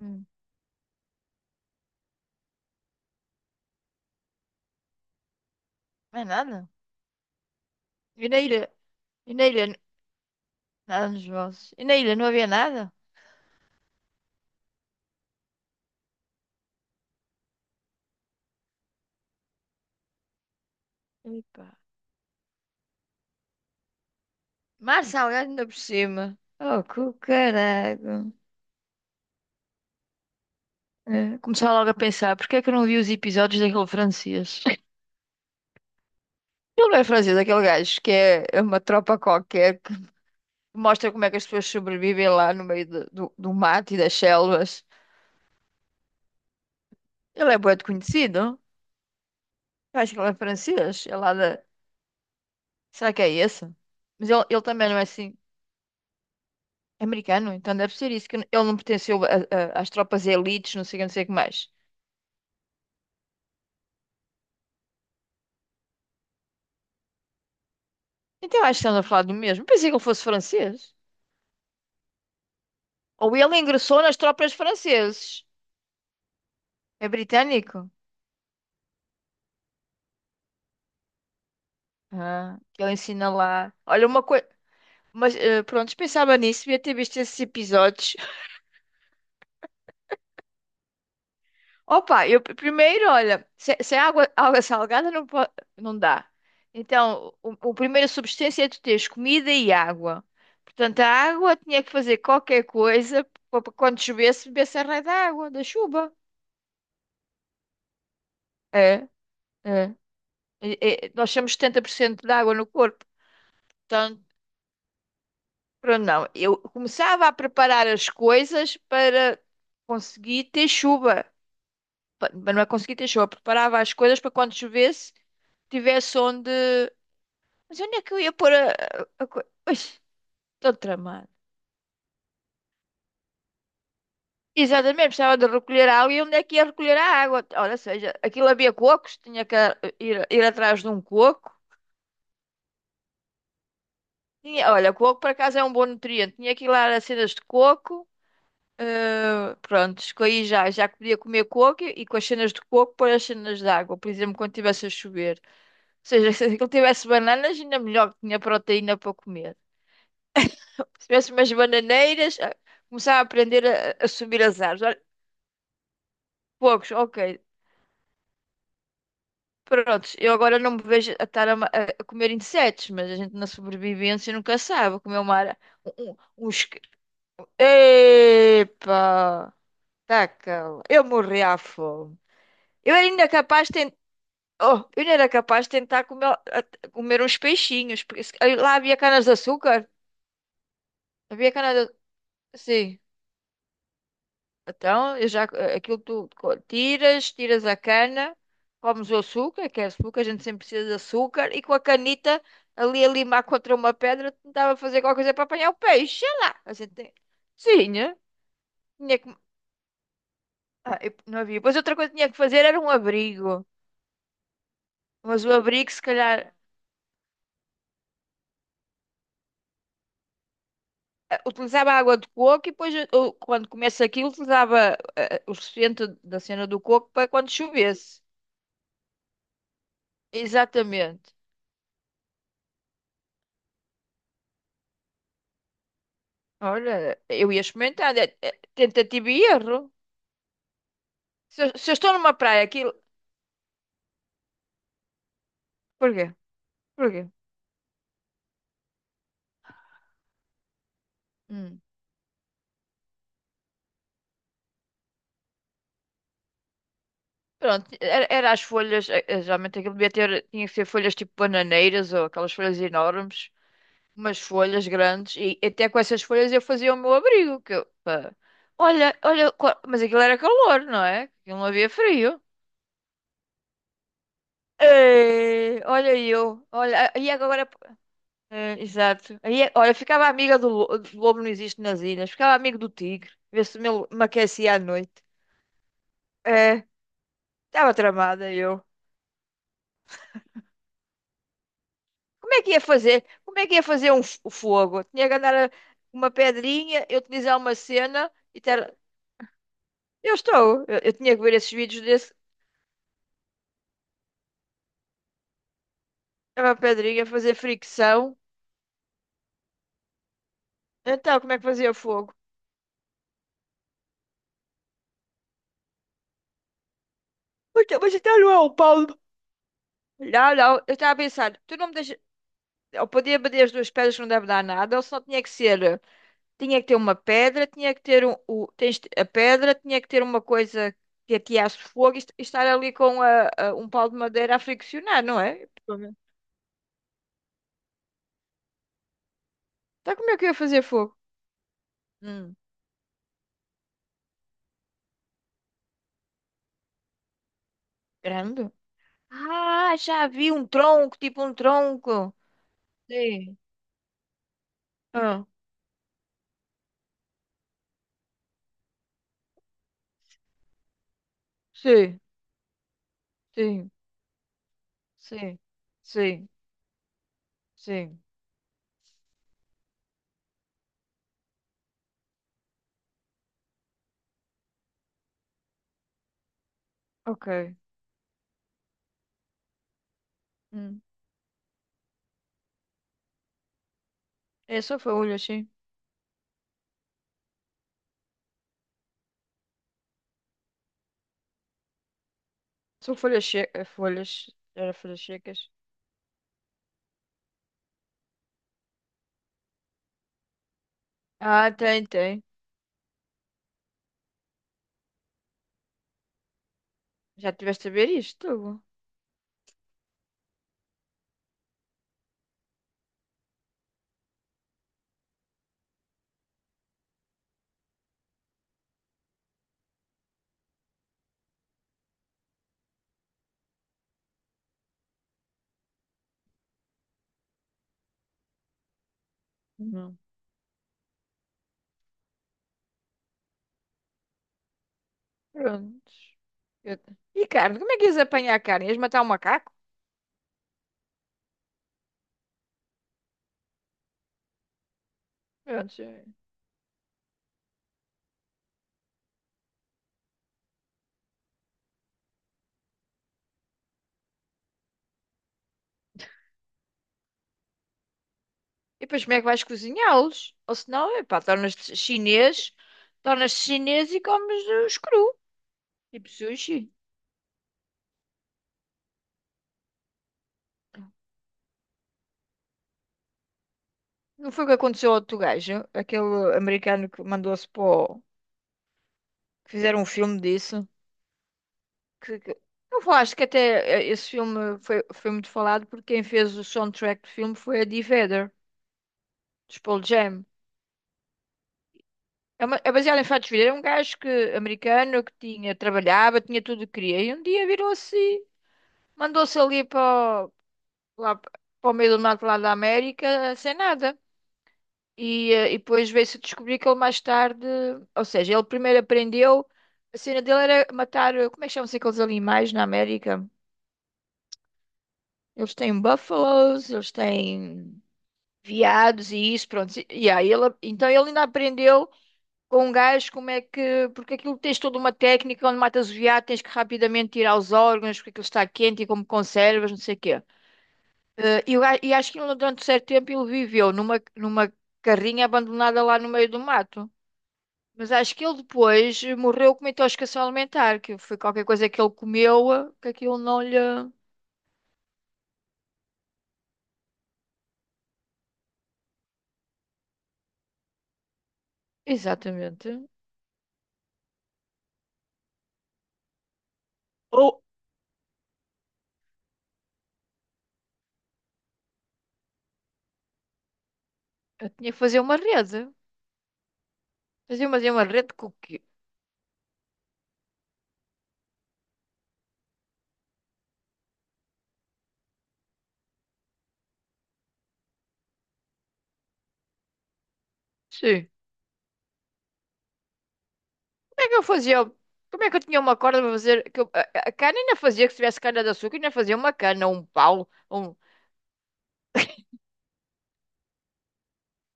Hum, não é nada. E na ilha, e na ilha, nada nos vossos. E na ilha não havia nada? epá, Mar salgado ainda por cima. Oh, que caralho. Começava logo a pensar, porque é que eu não vi os episódios daquele francês? Ele não é francês, é aquele gajo que é uma tropa qualquer que mostra como é que as pessoas sobrevivem lá no meio do mato e das selvas. Ele é bué de conhecido. Eu acho que ele é francês. É lá da... Será que é esse? Mas ele também não é assim. Americano? Então deve ser isso, que ele não pertenceu às tropas elites, não sei o que, não sei o que mais. Então acho que estamos a falar do mesmo. Pensei que ele fosse francês. Ou ele ingressou nas tropas franceses. É britânico? Ah, que ele ensina lá. Olha, uma coisa... Mas pronto, pensava nisso, devia ter visto esses episódios. Opa, primeiro, olha, se é água, água salgada não, não dá. Então, o primeiro substância é tu teres comida e água. Portanto, a água tinha que fazer qualquer coisa para quando chovesse, bebesse a raio da água, da chuva. É, é. Nós temos 70% de água no corpo. Portanto, pronto, não. Eu começava a preparar as coisas para conseguir ter chuva. Mas não é conseguir ter chuva, preparava as coisas para quando chovesse, tivesse onde. Mas onde é que eu ia pôr coisa? Estou tramado. Exatamente, precisava de recolher água e onde é que ia recolher a água? Olha, seja, aquilo havia cocos, tinha que ir atrás de um coco. Tinha, olha, coco por acaso é um bom nutriente. Tinha que ir lá às cenas de coco. Pronto, escolhi já, já que podia comer coco e com as cenas de coco pôr as cenas de água, por exemplo, quando estivesse a chover. Ou seja, se aquilo tivesse bananas, ainda melhor que tinha proteína para comer. Se tivesse umas bananeiras, começava a aprender a subir as árvores. Poucos, ok. Prontos, eu agora não me vejo a estar a comer insetos, mas a gente na sobrevivência nunca sabe. Vou comer uma ara... um, um, um esqui- Epa! Taca lá. Eu morri à fome. Eu era ainda capaz de tentar. Oh, eu ainda era capaz de tentar comer, comer uns peixinhos, porque aí lá havia canas de açúcar. Havia canas de... Sim. Então, eu já, aquilo tiras, tiras a cana, comes o açúcar, que é açúcar, a gente sempre precisa de açúcar, e com a canita ali a limar contra uma pedra, tentava fazer qualquer coisa para apanhar o peixe, sei lá. A gente tem... Sim, né? Tinha que... Não havia. Pois outra coisa que tinha que fazer era um abrigo. Mas o abrigo, se calhar, utilizava água de coco e depois, eu, quando começa aquilo, utilizava o suficiente da cena do coco para quando chovesse. Exatamente. Olha, eu ia experimentando. Tentativa e erro. Se eu estou numa praia, aquilo. Porquê? Porquê? Hum. Pronto, era, era as folhas. Geralmente aquilo devia ter. Tinha que ser folhas tipo bananeiras ou aquelas folhas enormes. Umas folhas grandes. E até com essas folhas eu fazia o meu abrigo. Que eu, pá. Olha, olha. Mas aquilo era calor, não é? Aquilo não havia frio. Ei, olha eu. Olha, e agora. É, exato. Aí, olha, ficava amiga do, do lobo, não existe nas ilhas. Ficava amigo do tigre, ver se me aquecia à noite. É, estava tramada eu. Como é que ia fazer? Como é que ia fazer um, o fogo? Tinha que uma pedrinha, eu utilizar uma cena e ter... Eu estou. Eu tinha que ver esses vídeos desse. Era uma pedrinha, fazer fricção. Então, como é que fazia fogo? Mas, mas então não é o pau. Não, não. Eu estava a pensar, tu não me deixas... Eu podia bater as duas pedras que não deve dar nada, ou só tinha que ser. Tinha que ter uma pedra, tinha que ter a pedra, tinha que ter uma coisa que ateasse fogo e, e estar ali com um pau de madeira a friccionar, não é? Então como é que eu ia fazer fogo? Hum, grande? Ah, já vi um tronco, tipo um tronco. Sim. Ah, sim, sim, sim, sim, sim. Ok. Hum. É só folhas, sim. São folhas secas. Folhas. Era folhas secas. Ah, tem. Já tiveste a ver isto? Prontos. Eu- E carne? Como é que ias apanhar carne? Ias matar um macaco? Prontos, é. E depois como é que vais cozinhá-los? Ou senão, epá, tornas-te chinês e comes os cru. Tipo sushi. Não foi o que aconteceu ao outro gajo? Aquele americano que mandou-se para o... que fizeram um filme disso. Que... que- Não falaste que até esse filme foi muito falado porque quem fez o soundtrack do filme foi a Eddie Vedder, dos Pearl Jam. É, é baseado em fatos verídicos. Era um gajo que, americano que tinha, trabalhava, tinha tudo o que queria. E um dia virou-se, mandou-se ali para, lá, para o meio do mato lá da América, sem nada. E, e depois veio-se descobrir que ele mais tarde, ou seja, ele primeiro aprendeu, a cena dele era matar, como é que chamam-se aqueles animais na América? Eles têm búfalos, eles têm veados e isso, pronto. E aí ele, então ele ainda aprendeu. Com gás, como é que. Porque aquilo tens toda uma técnica onde matas o veado, tens que rapidamente tirar os órgãos, porque aquilo está quente e como conservas, não sei o quê. O e acho que ele, durante um certo tempo ele viveu numa carrinha abandonada lá no meio do mato. Mas acho que ele depois morreu com uma intoxicação alimentar, que foi qualquer coisa que ele comeu, que aquilo não lhe. Exatamente. Ou eu tinha que fazer uma rede. Fazia fazer uma rede com o quê? Sim. Como é que eu fazia? Como é que eu tinha uma corda para fazer? A cana ainda fazia, que se tivesse cana de açúcar, ainda fazia uma cana, um pau, um.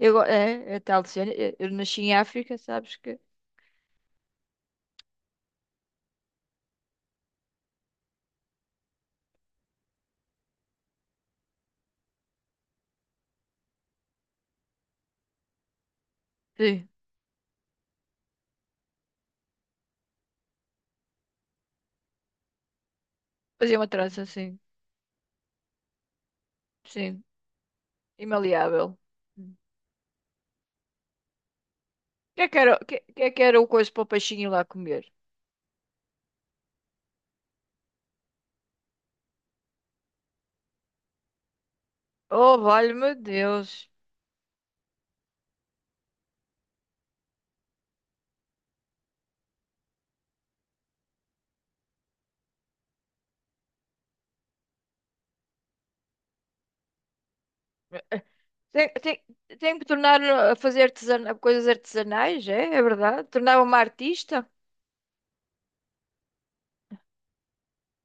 Eu, é tal de cena. Eu nasci em África, sabes que? Sim, fazia uma trança assim, sim, imaleável. Hum. Que é que era, que é que era o coisa para o peixinho ir lá comer? Oh, valha-me Deus. Tem, tem, tem que tornar a fazer artesana, coisas artesanais, é? É verdade? Tornar-me uma artista?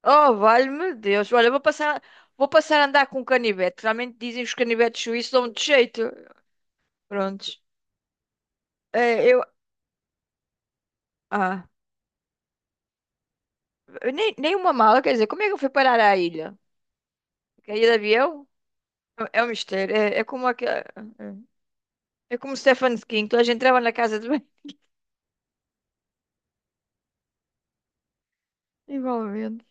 Oh, valha-me Deus. Olha, vou passar a andar com um canivete. Realmente dizem que os canivetes suíços dão de jeito. Prontos. Eh, eu. Ah, nem uma mala, quer dizer, como é que eu fui parar à ilha? Caí de avião? É um mistério. É, é como aquele. É como Stephen King, toda a gente entrava na casa de banho. Igualmente.